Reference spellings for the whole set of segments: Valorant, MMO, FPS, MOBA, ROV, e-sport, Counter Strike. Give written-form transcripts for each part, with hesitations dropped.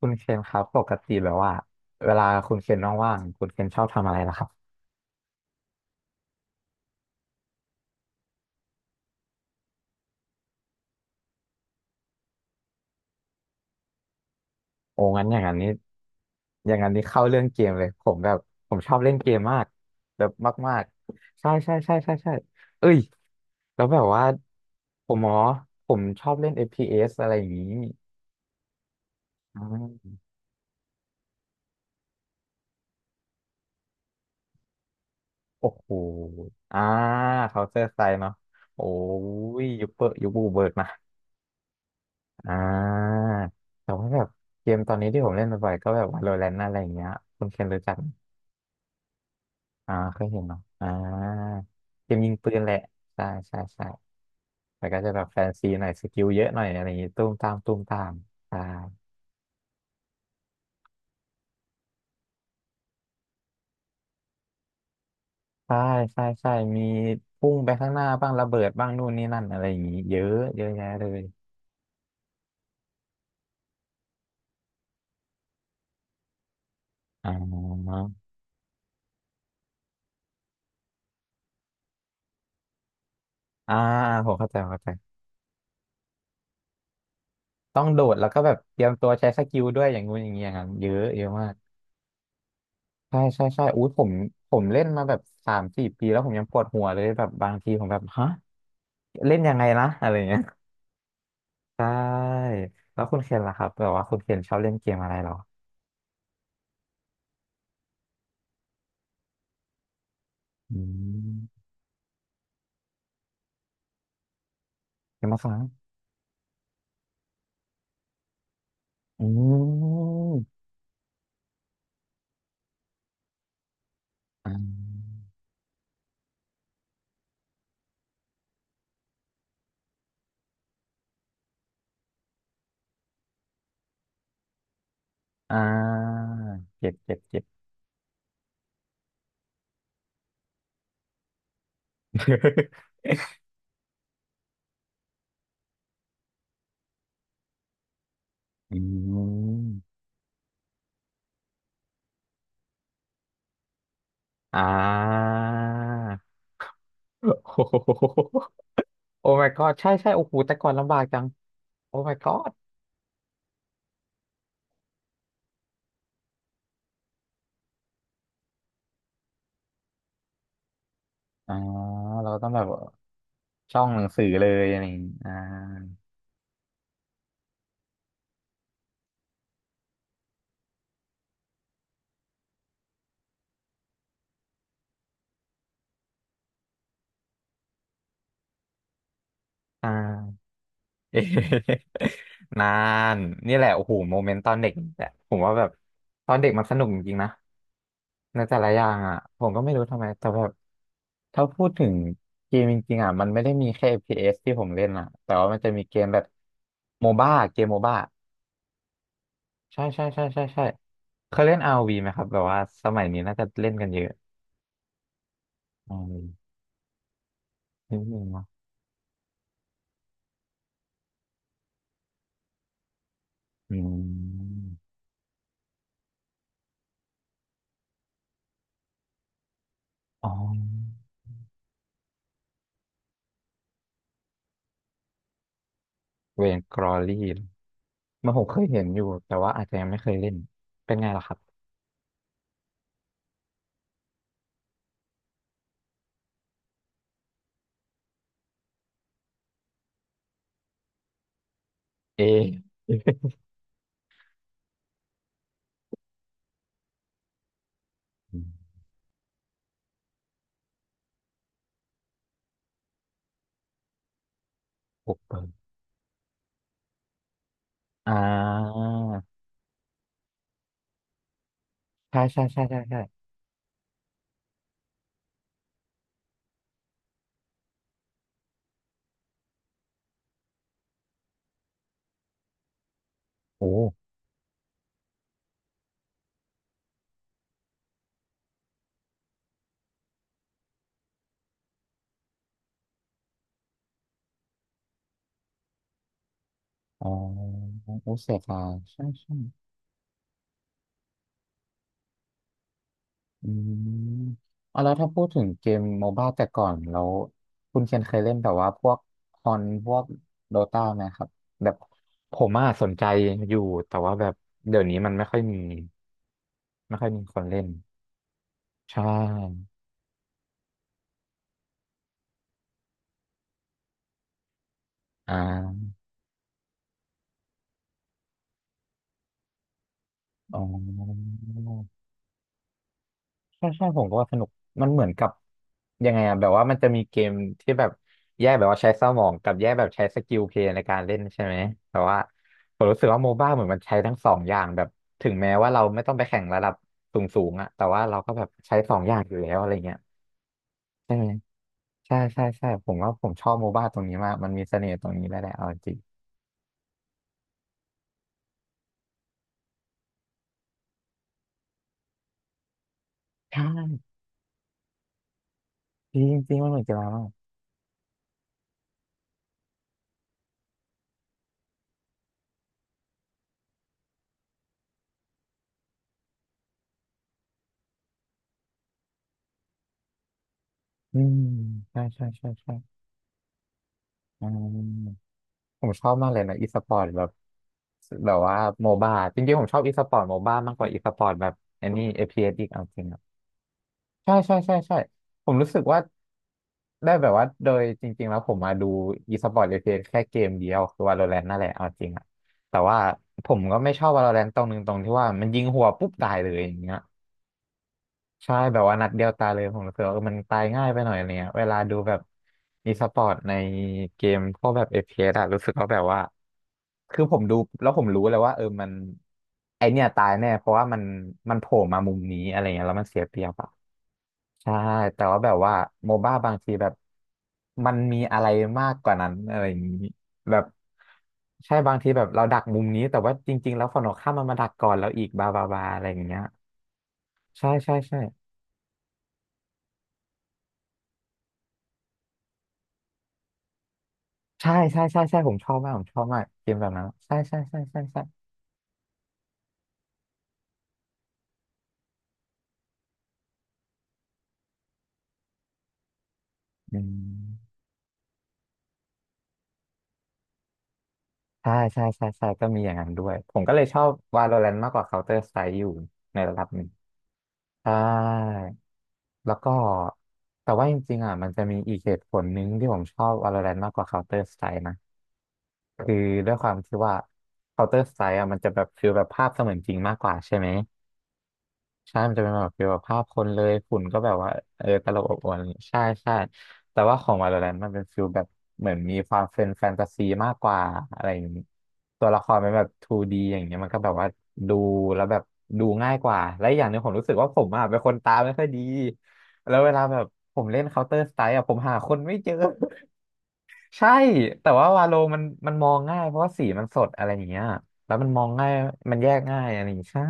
คุณเคนครับปกติแบบว่าเวลาคุณเคนว่างๆคุณเคนชอบทำอะไรล่ะครับโอ้งั้นอย่างนั้นนี้อย่างนั้นนี้เข้าเรื่องเกมเลยผมแบบผมชอบเล่นเกมมากแบบมากๆใช่ใช่ใช่ใช่ใช่เอ้ยแล้วแบบว่าผมผมชอบเล่น FPS อฟพีเอสอะไรอย่างนี้อ่าโอ้โหอ่า Counter Strike เนาะโอ้ยยุคเปิดยุคบูเบิร์ดมา อ่าแต่ว่าแบบเกมตอนนี้ที่ผมเล่นบ่อยๆก็แบบ Valorant อะไรอย่างเงี้ยคุณเคนรู้จักไหมเคยเห็นเนาะเกมยิงปืนแหละใช่ใช่ใช่แต่ก็จะแบบแฟนซีหน่อยสกิลเยอะหน่อยอะไรอย่างงี้ตุ้มตามตุ้มตามใช่ใช่ใช่ใช่มีพุ่งไปข้างหน้าบ้างระเบิดบ้างนู่นนี่นั่นอะไรอย่างงี้เยอะเยอะแยะเลยอ่าอ่าผมเข้าใจผมเข้าใจต้องโดดแล้วก็แบบเตรียมตัวใช้สกิลด้วยอย่างงู้นอย่างเงี้ยครับเยอะเยอะมาก ใช่ใช่ใช่อู้ผมเล่นมาแบบสามสี่ปีแล้วผมยังปวดหัวเลยแบบบางทีผมแบบฮะเล่นยังไงนะอะไรเงี้ยใช่แล้วคุณเคนล่ะครับแบบว่าคุณเคนชอบเล่นเกมอะไรเหรออืมเกมมาสามอืมอ่าอ่าเจ็บเจ็บเจ็บ อืมอ่า โอ้โหโอ้ my god ใช่ใช่โอ้โหแต่ก่อนลำบากจังโอ้ my god อ่าเราต้องแบบ ช่องหนังสือเลยอะไรอย่างงี้อ่าเอ๊ะ นานนี่แหละโอ้โหโมเมนต์ตอนเด็กแหละผมว่าแบบตอนเด็กมันสนุกจริงๆนะในแต่ละอย่างอ่ะผมก็ไม่รู้ทำไมแต่แบบถ้าพูดถึงเกมจริงๆอ่ะมันไม่ได้มีแค่ FPS ที่ผมเล่นอ่ะแต่ว่ามันจะมีเกมแบบโมบ้าเกมโมบ้าใช่ใช่ใช่ใช่ใช่เคยเล่น ROV ไหมครับแบบว่าสมัยนี้น่าจะเล่นกันเยอะอมนิดนึงเนาะอืมอ๋อ เวนกรอลี่มันผมเคยเห็นอยู่แต่ว่าอาจจะยังไม่เคยเล่นเป็นไงล่ะครับเอ อืมพวกเปิดอ่าใช่ใช่ใช่ใช่ใช่โอ้อ๋อโอ้เสียดายใช่ใช่อืมอ๋อแล้วถ้าพูดถึงเกมโมบ้าแต่ก่อนแล้วคุณเคนเคยเล่นแบบว่าพวกคอนพวกโดตาไหมครับแบบผมอ่ะสนใจอยู่แต่ว่าแบบเดี๋ยวนี้มันไม่ค่อยมีไม่ค่อยมีคนเล่นใช่อ่า อ๋อใช่ใช่ผมก็ว่าสนุกมันเหมือนกับยังไงอะแบบว่ามันจะมีเกมที่แบบแยกแบบว่าใช้สมองกับแยกแบบใช้สกิลเพลย์ในการเล่นใช่ไหมแต่ว่าผมรู้สึกว่าโมบ้าเหมือนมันใช้ทั้งสองอย่างแบบถึงแม้ว่าเราไม่ต้องไปแข่งระดับสูงสูงอะแต่ว่าเราก็แบบใช้สองอย่างอยู่แล้วอะไรเงี้ยใช่ไหมใช่ใช่ใช่ผมว่าผมชอบโมบ้าตรงนี้มากมันมีเสน่ห์ตรงนี้แหละแหละเอาจริงใช่จริงจริงๆมันเหมือนกีฬามากอืมใช่ใช่ใช่ใช่อืม ผมชอบมากเลยนะอีสปอร์ตแบบแบบว่าโมบ้าจริงๆผมชอบอีสปอร์ตโมบ้ามากกว่าอีสปอร์ตแบบไอันนี้เอพ p s อสอีกเอาจริงอะใช่ใช่ใช่ใช่ผมรู้สึกว่าได้แบบว่าโดยจริงๆแล้วผมมาดู e-sport เอพีสปอร์ต FPS แค่เกมเดียวคือ Valorant นั่นแหละเอาจริงอะแต่ว่าผมก็ไม่ชอบ Valorant ตรงนึงตรงที่ว่ามันยิงหัวปุ๊บตายเลยอย่างเงี้ย ใช่แบบว่านัดเดียวตายเลยผมรู้สึกว่าเออมันตายง่ายไปหน่อยอะไรเงี้ยเวลาดูแบบอีสปอร์ตในเกมพวกแบบ FPS อฟพีเอสอะรู้สึกว่าแบบว่าคือผมดูแล้วผมรู้เลยว่าเออมันไอเนี่ยตายแน่เพราะว่ามันโผล่มามุมนี้อะไรเงี้ยแล้วมันเสียเปรียบอะใช่แต่ว่าแบบว่าโมบ้าบางทีแบบมันมีอะไรมากกว่านั้นอะไรอย่างนี้แบบใช่บางทีแบบเราดักมุมนี้แต่ว่าจริงๆแล้วฝั่งตรงข้ามมันมาดักก่อนแล้วอีกบาบาบาอะไรอย่างเงี้ยใช่ใช่ใช่ ใช่ใช่ใช่ใช่ผมชอบมากผมชอบมากเกมแบบนั้นใช่ใช่ใช่ใช่ใช่อืมใช่ใช่ใช่ใช่ก็มีอย่างนั้นด้วยผมก็เลยชอบ Valorant มากกว่า Counter Strike อยู่ในระดับหนึ่งใช่แล้วก็แต่ว่าจริงๆอ่ะมันจะมีอีกเหตุผลหนึ่งที่ผมชอบ Valorant มากกว่า Counter Strike นะคือด้วยความที่ว่า Counter Strike อ่ะมันจะแบบฟีลแบบภาพเสมือนจริงมากกว่าใช่ไหม ใช่มันจะเป็นแบบเกี่ยวกับภาพคนเลยฝุ่นก็แบบว่าตลบอบอวลใช่ใช่ แต่ว่าของ Valorant มันเป็นฟิลแบบเหมือนมีความเป็นแฟนตาซีมากกว่าอะไรอย่างนี้ตัวละครเป็นแบบ 2D อย่างเงี้ยมันก็แบบว่าดูแล้วแบบดูง่ายกว่า และอกอย่างหนึงผมรู้สึกว่าผมอ่ะเป็นคนตาไม่ค่อยดี แล้วเวลาแบบผมเล่น Counter Strike อ่ะผมหาคนไม่เจอ ใช่ แต่ว่าวาโลมันมันมองง่ายเพราะว่าสีมันสดอะไรอย่างเงี้ยแล้วมันมองง่ายมันแยกง่ายอะไรอย่างงี้ใช่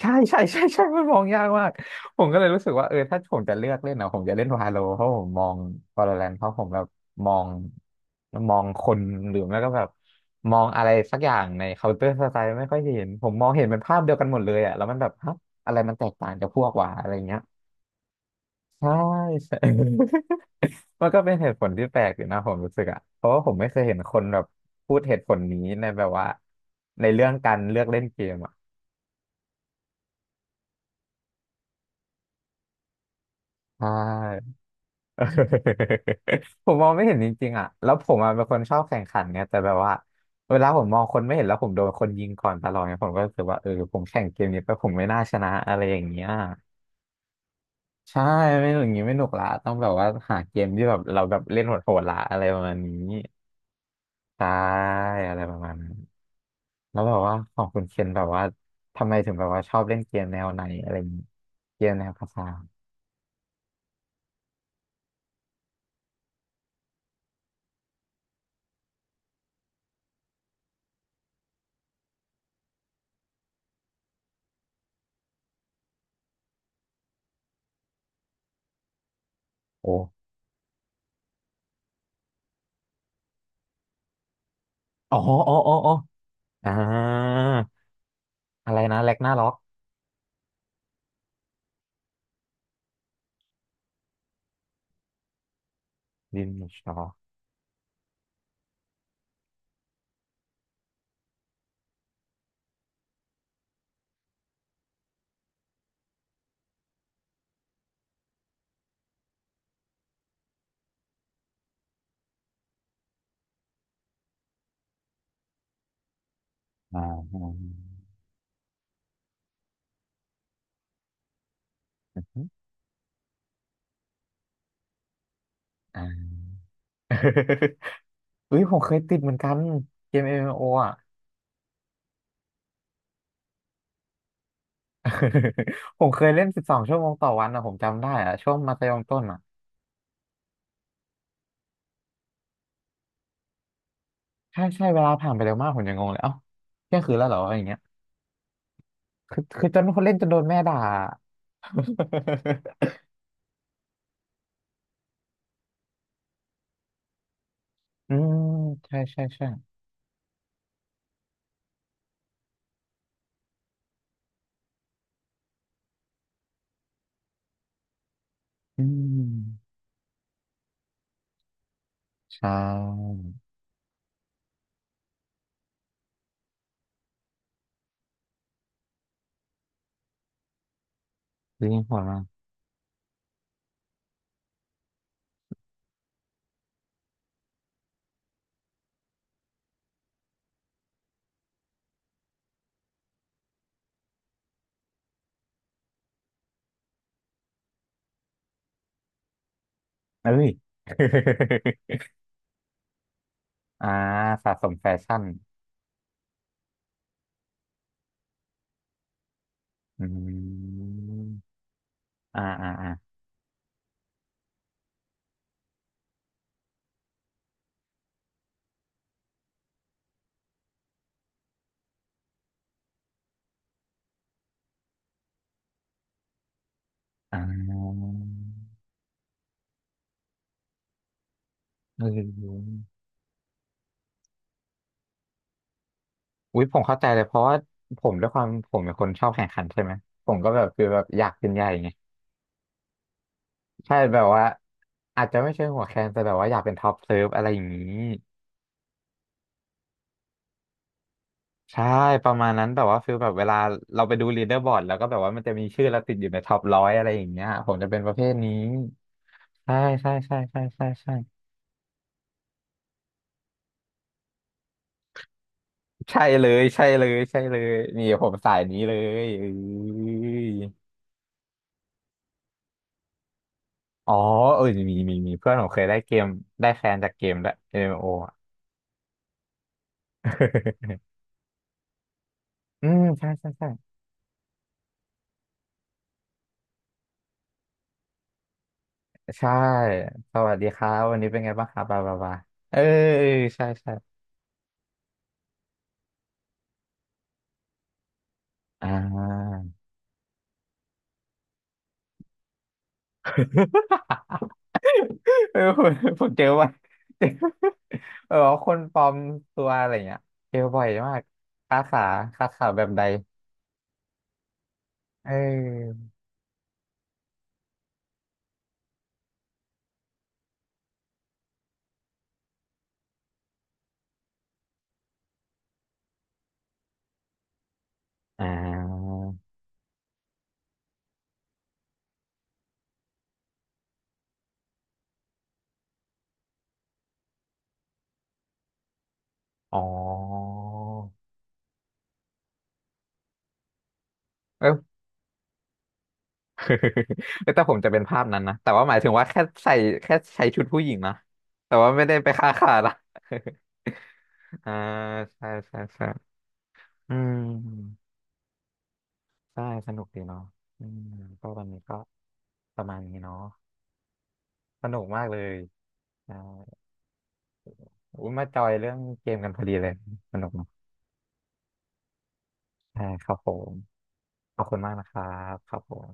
ใช่ใช่ใช่ใช่มันมองยากมากผมก็เลยรู้สึกว่าถ้าผมจะเลือกเล่นนะผมจะเล่นวาโลเพราะผมมองวาโลแรนเพราะผมแบบมองมองคนหรือไม่ก็แบบมองอะไรสักอย่างในเคาน์เตอร์สไตล์ไม่ค่อยเห็นผมมองเห็นเป็นภาพเดียวกันหมดเลยอ่ะแล้วมันแบบฮะอะไรมันแตกต่างจากพวกว่าอะไรเงี้ยใช่ใช่ มันก็เป็นเหตุผลที่แปลกอยู่นะผมรู้สึกอ่ะเพราะว่าผมไม่เคยเห็นคนแบบพูดเหตุผลนี้ในแบบว่าในเรื่องการเลือกเล่นเกมอ่ะใช่ เออผมมองไม่เห็นจริงๆอ่ะแล้วผมอะเป็นคนชอบแข่งขันไงแต่แบบว่าเวลาผมมองคนไม่เห็นแล้วผมโดนคนยิงก่อนตลอดไงผมก็รู้สึกว่าผมแข่งเกมนี้ไปผมไม่น่าชนะอะไรอย่างเงี้ยใช่ไม่หนุกอย่างงี้ไม่หนุกละต้องแบบว่าหาเกมที่แบบเราแบบเล่นโหดๆละอะไรประมาณนี้ใช่อะไรประมาณนั้นแล้วแบบว่าของคุณเคนแบบว่าทำไมถึงแบบว่าชอบเล่นเกมแนวไหนอะไรอย่างงี้เกมแนวภาษาโอ้อ๋ออ๋ออ๋ออ๋ออ่าอะไรนะแร็กนาร็อก ดินชออ่าอืมอ่า อุ้ยผมเคยติดเหมือนกันเกม MMO อมเอ็มโออ่ะ ผมเคยเล่น12 ชั่วโมงต่อวันอ่ะผมจำได้อ่ะช่วงมัธยมต้นอ่ะใช่ใช่เวลาผ่านไปเร็วมากผมยังงงเลยเอ้าเที่ยงคืนแล้วเหรออะไรอย่างเงี้ยคือคือจนคนเล่นจนโดนแม่ด่า อืมใช่ใช่ใช่อืมใช่ยิงหัวมาเอ้ย อ่าสะสมแฟชั่นอืมอ่าอ่าอ่า อ่าเอออุ้ยผมเข้าใจเลยเพราะว่าผมด้วยความผมเป็นคนชอบแข่งขันใช่ไหมผมก็แบบคือแบบอยากเป็นใหญ่ไงใช่แบบว่าอาจจะไม่ใช่หัวแคนแต่แบบว่าอยากเป็นท็อปเซิร์ฟอะไรอย่างนี้ใช่ประมาณนั้นแบบว่าฟิลแบบเวลาเราไปดูลีดเดอร์บอร์ดแล้วก็แบบว่ามันจะมีชื่อเราติดอยู่ในท็อปร้อยอะไรอย่างเงี้ยผมจะเป็นประเภทนี้ใช่ใช่ใช่ใช่ใช่ใช่ใช่เลยใช่เลยใช่เลยนี่ผมสายนี้เลยเอ้ย อ๋อเออมีมีมีเพื่อนผมเคยได้เกมได้แคนจากเกมด้วย m ม o ออะ อืมใช่ใช่ใช่ใช่สวัสดีครับวันนี้เป็นไงบ้างครับบาบาบาเออเออใช่ใช่อ่า ผมผมเจอบ่อย เจอเออคนปลอมตัวอะไรเงี้ยเจอบ่อยมากคาขาคาขาแบบใดเอออ่าอ๋อเออ แต่ผมจะเป็นภาพนั้นนะแต่ว่าหมายถึงว่าแค่ใส่แค่ใช้ชุดผู้หญิงนะแต่ว่าไม่ได้ไปฆ่าขาดนะ อ่าใช่ใช่ใช่อืมใช่สนุกดีเนาะอืมก็วันนี้ก็ประมาณนี้เนาะสนุกมากเลยอ่าอุ้ยมาจอยเรื่องเกมกันพอดีเลยสนุกเนาะใช่ครับผมขอบคุณมากนะครับครับผม